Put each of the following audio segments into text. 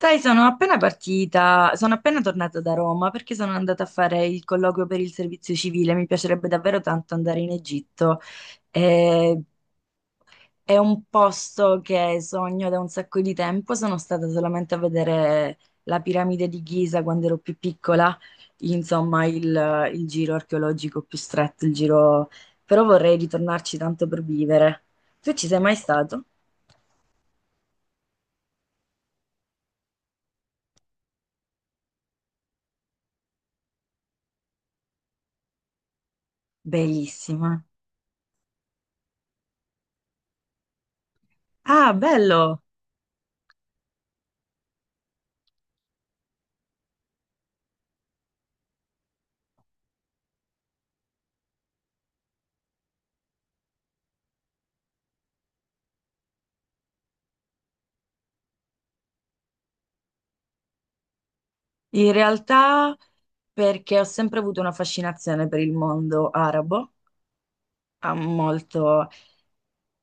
Sai, sono appena partita, sono appena tornata da Roma perché sono andata a fare il colloquio per il servizio civile. Mi piacerebbe davvero tanto andare in Egitto. Eh, è un posto che sogno da un sacco di tempo. Sono stata solamente a vedere la piramide di Giza quando ero più piccola, insomma, il giro archeologico più stretto, il giro... però vorrei ritornarci tanto per vivere. Tu ci sei mai stato? Bellissima. Ah, bello! In realtà perché ho sempre avuto una fascinazione per il mondo arabo, ha molto,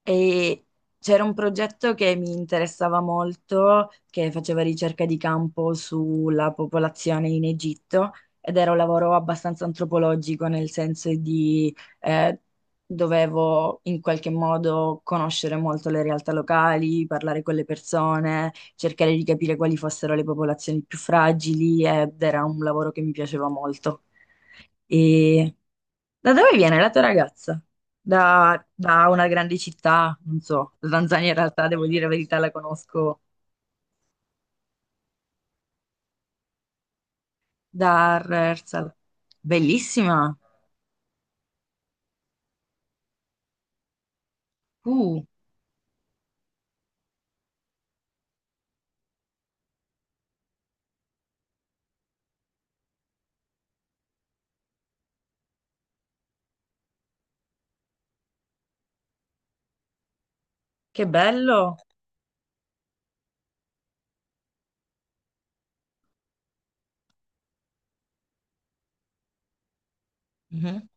e c'era un progetto che mi interessava molto, che faceva ricerca di campo sulla popolazione in Egitto ed era un lavoro abbastanza antropologico, nel senso di eh, dovevo in qualche modo conoscere molto le realtà locali, parlare con le persone, cercare di capire quali fossero le popolazioni più fragili ed era un lavoro che mi piaceva molto. E da dove viene la tua ragazza? Da una grande città, non so, la Tanzania in realtà, devo dire la verità, la conosco da Rehearsal. Bellissima! Uh, che bello! Mhm.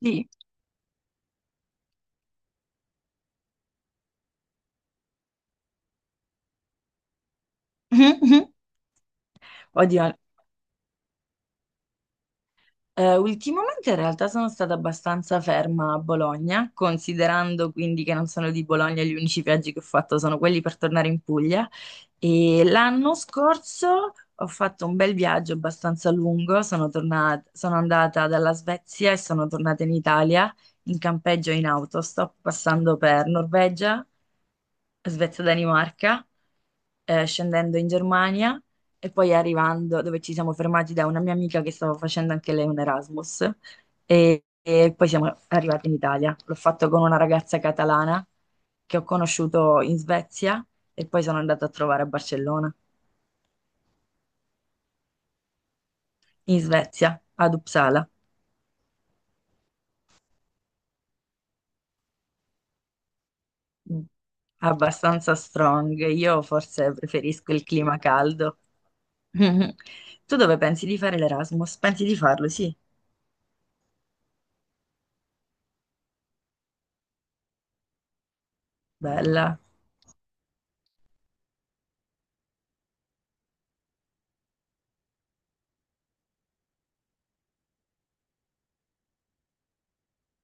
Sì. Mhm, mhm. Oddio, ultimamente in realtà sono stata abbastanza ferma a Bologna, considerando quindi che non sono di Bologna, gli unici viaggi che ho fatto sono quelli per tornare in Puglia. E l'anno scorso ho fatto un bel viaggio abbastanza lungo, sono tornata, sono andata dalla Svezia e sono tornata in Italia in campeggio e in autostop, passando per Norvegia, Svezia-Danimarca, scendendo in Germania e poi arrivando dove ci siamo fermati da una mia amica che stava facendo anche lei un Erasmus e poi siamo arrivati in Italia. L'ho fatto con una ragazza catalana che ho conosciuto in Svezia e poi sono andata a trovare a Barcellona, in Svezia, ad Uppsala. Mm. Abbastanza strong. Io forse preferisco il clima caldo. Tu dove pensi di fare l'Erasmus? Pensi di farlo? Sì, bella.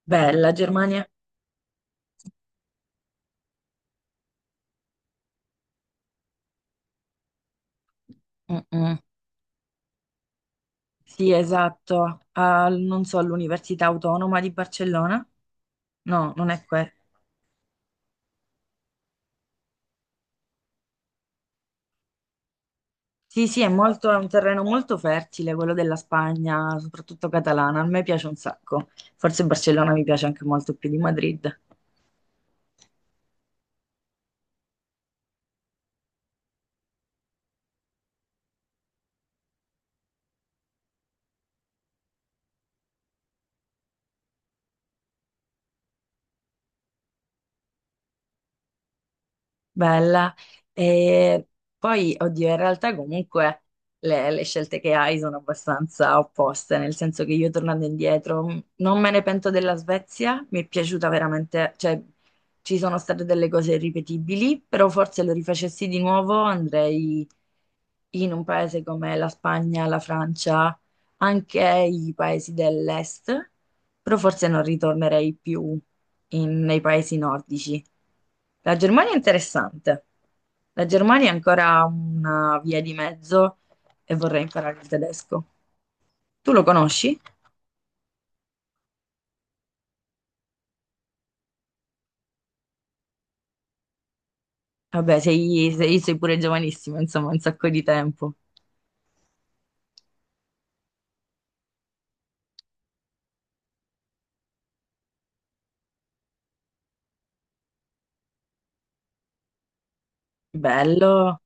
Bella Germania. Mm-mm. Sì, esatto. Al- non so, all'Università Autonoma di Barcellona? No, non è questo. Sì, sì, è molto, è un terreno molto fertile, quello della Spagna, soprattutto catalana. A me piace un sacco. Forse Barcellona mi piace anche molto più di Madrid. Bella. E poi, oddio, in realtà comunque le scelte che hai sono abbastanza opposte, nel senso che io tornando indietro non me ne pento della Svezia, mi è piaciuta veramente, cioè ci sono state delle cose irripetibili, però forse lo rifacessi di nuovo andrei in un paese come la Spagna, la Francia, anche i paesi dell'est, però forse non ritornerei più nei paesi nordici. La Germania è interessante. La Germania è ancora una via di mezzo e vorrei imparare il tedesco. Tu lo conosci? Vabbè, sei pure giovanissimo, insomma, un sacco di tempo. Bello.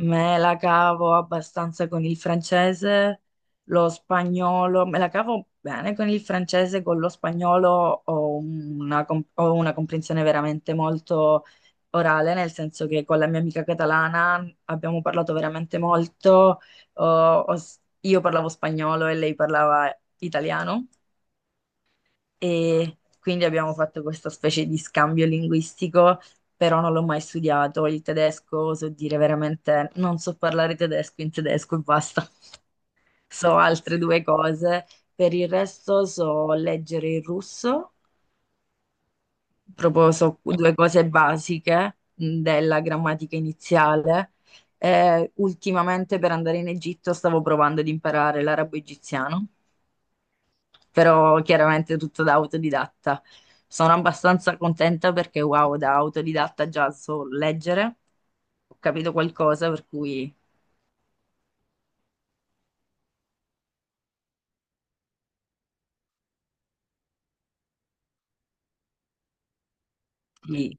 Me la cavo abbastanza con il francese, lo spagnolo, me la cavo bene con il francese, con lo spagnolo ho ho una comprensione veramente molto orale, nel senso che con la mia amica catalana abbiamo parlato veramente molto, ho- io parlavo spagnolo e lei parlava italiano e quindi abbiamo fatto questa specie di scambio linguistico, però non l'ho mai studiato il tedesco, so dire veramente, non so parlare tedesco in tedesco e basta, so altre due cose, per il resto so leggere il russo, proprio so due cose basiche della grammatica iniziale. Ultimamente per andare in Egitto stavo provando ad imparare l'arabo egiziano però chiaramente tutto da autodidatta. Sono abbastanza contenta perché wow, da autodidatta già so leggere, ho capito qualcosa, per cui sì,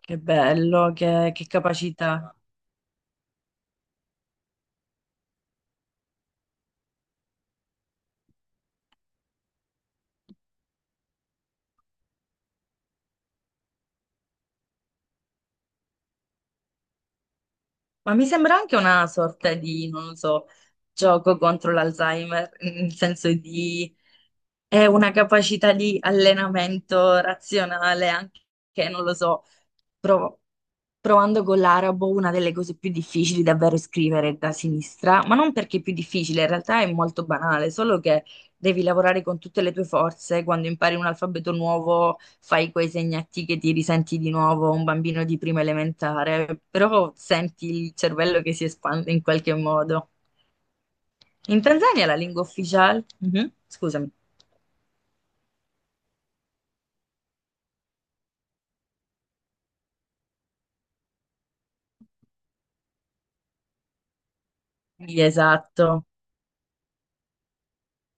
che bello, che capacità. Ma mi sembra anche una sorta di, non lo so, gioco contro l'Alzheimer, nel senso di è una capacità di allenamento razionale anche, non lo so. Provo- Provando con l'arabo, una delle cose più difficili davvero è scrivere da sinistra, ma non perché è più difficile, in realtà è molto banale, solo che devi lavorare con tutte le tue forze, quando impari un alfabeto nuovo fai quei segnati che ti risenti di nuovo, un bambino di prima elementare, però senti il cervello che si espande in qualche modo. In Tanzania la lingua ufficiale? Mhm, scusami. Sì, esatto.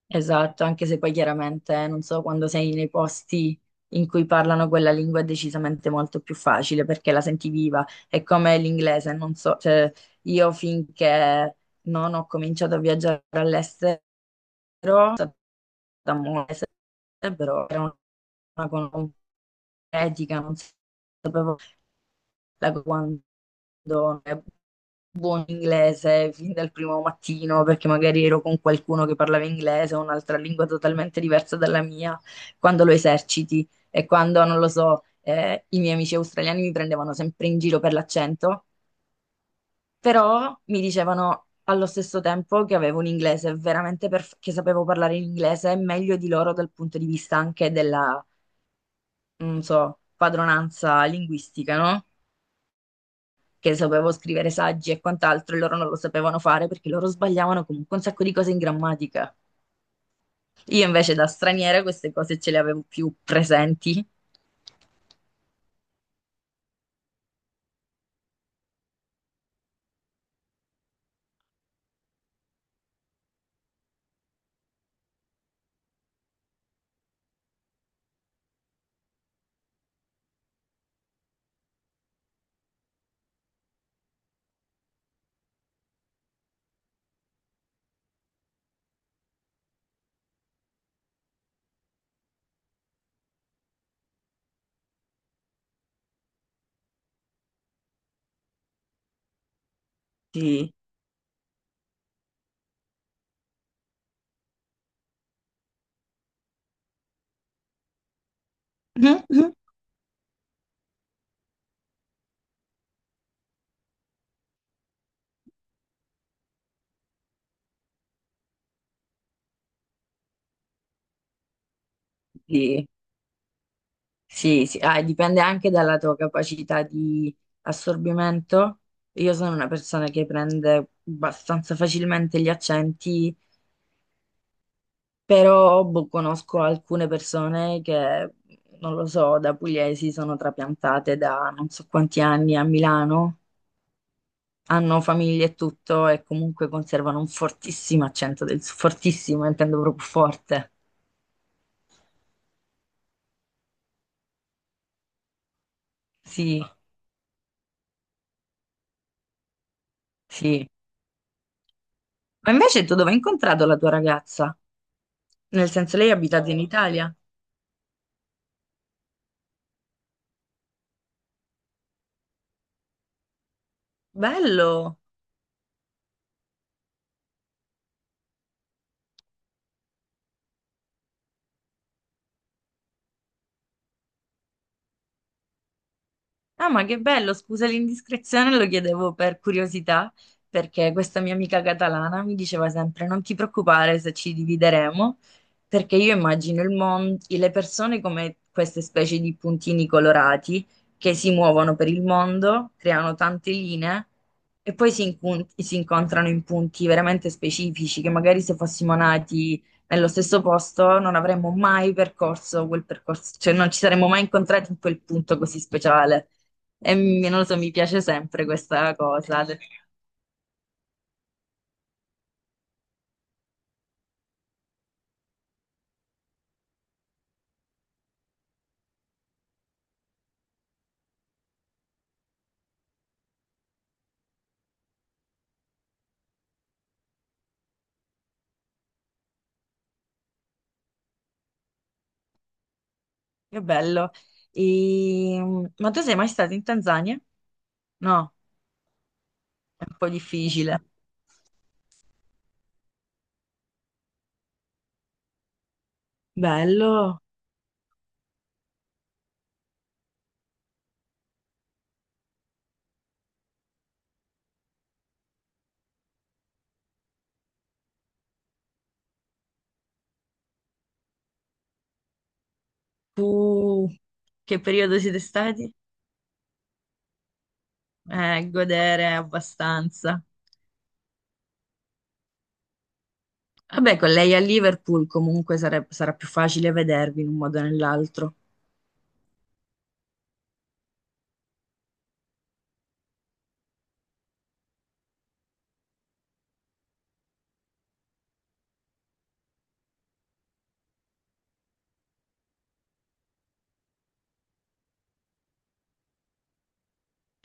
Esatto, anche se poi chiaramente non so quando sei nei posti in cui parlano quella lingua è decisamente molto più facile perché la senti viva, è come l'inglese, non so, cioè io finché non ho cominciato a viaggiare all'estero, sono stata molto all'estero, però era una cosa etica, non sapevo la quando buon inglese fin dal primo mattino, perché magari ero con qualcuno che parlava inglese o un'altra lingua totalmente diversa dalla mia, quando lo eserciti e quando, non lo so, i miei amici australiani mi prendevano sempre in giro per l'accento, però mi dicevano allo stesso tempo che avevo un inglese veramente perfetto, che sapevo parlare in inglese meglio di loro dal punto di vista anche della, non so, padronanza linguistica, no? Che sapevo scrivere saggi e quant'altro, e loro non lo sapevano fare perché loro sbagliavano comunque un sacco di cose in grammatica. Io invece da straniera queste cose ce le avevo più presenti. Sì. Mhm. Sì, sì, sì. Ah, e dipende anche dalla tua capacità di assorbimento. Io sono una persona che prende abbastanza facilmente gli accenti. Però boh, conosco alcune persone che, non lo so, da pugliesi sono trapiantate da non so quanti anni a Milano, hanno famiglie e tutto e comunque conservano un fortissimo accento del Sud, fortissimo, intendo proprio forte. Sì, sì. Ma invece tu dove hai incontrato la tua ragazza? Nel senso lei abita in Italia? Bello! Ah, ma che bello, scusa l'indiscrezione, lo chiedevo per curiosità, perché questa mia amica catalana mi diceva sempre: non ti preoccupare se ci divideremo, perché io immagino il mondo, le persone come queste specie di puntini colorati che si muovono per il mondo, creano tante linee e poi si, si incontrano in punti veramente specifici, che magari se fossimo nati nello stesso posto non avremmo mai percorso quel percorso, cioè non ci saremmo mai incontrati in quel punto così speciale. E non lo so, mi piace sempre questa cosa. Che bello. E, ma tu sei mai stato in Tanzania? No, è un po' difficile. Bello. Tu che periodo siete stati? Godere abbastanza. Vabbè, con lei a Liverpool comunque sarà più facile vedervi in un modo o nell'altro.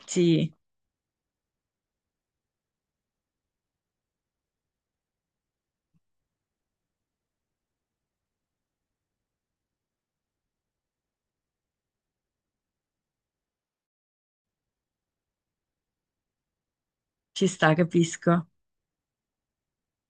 Sì, ci sta, capisco.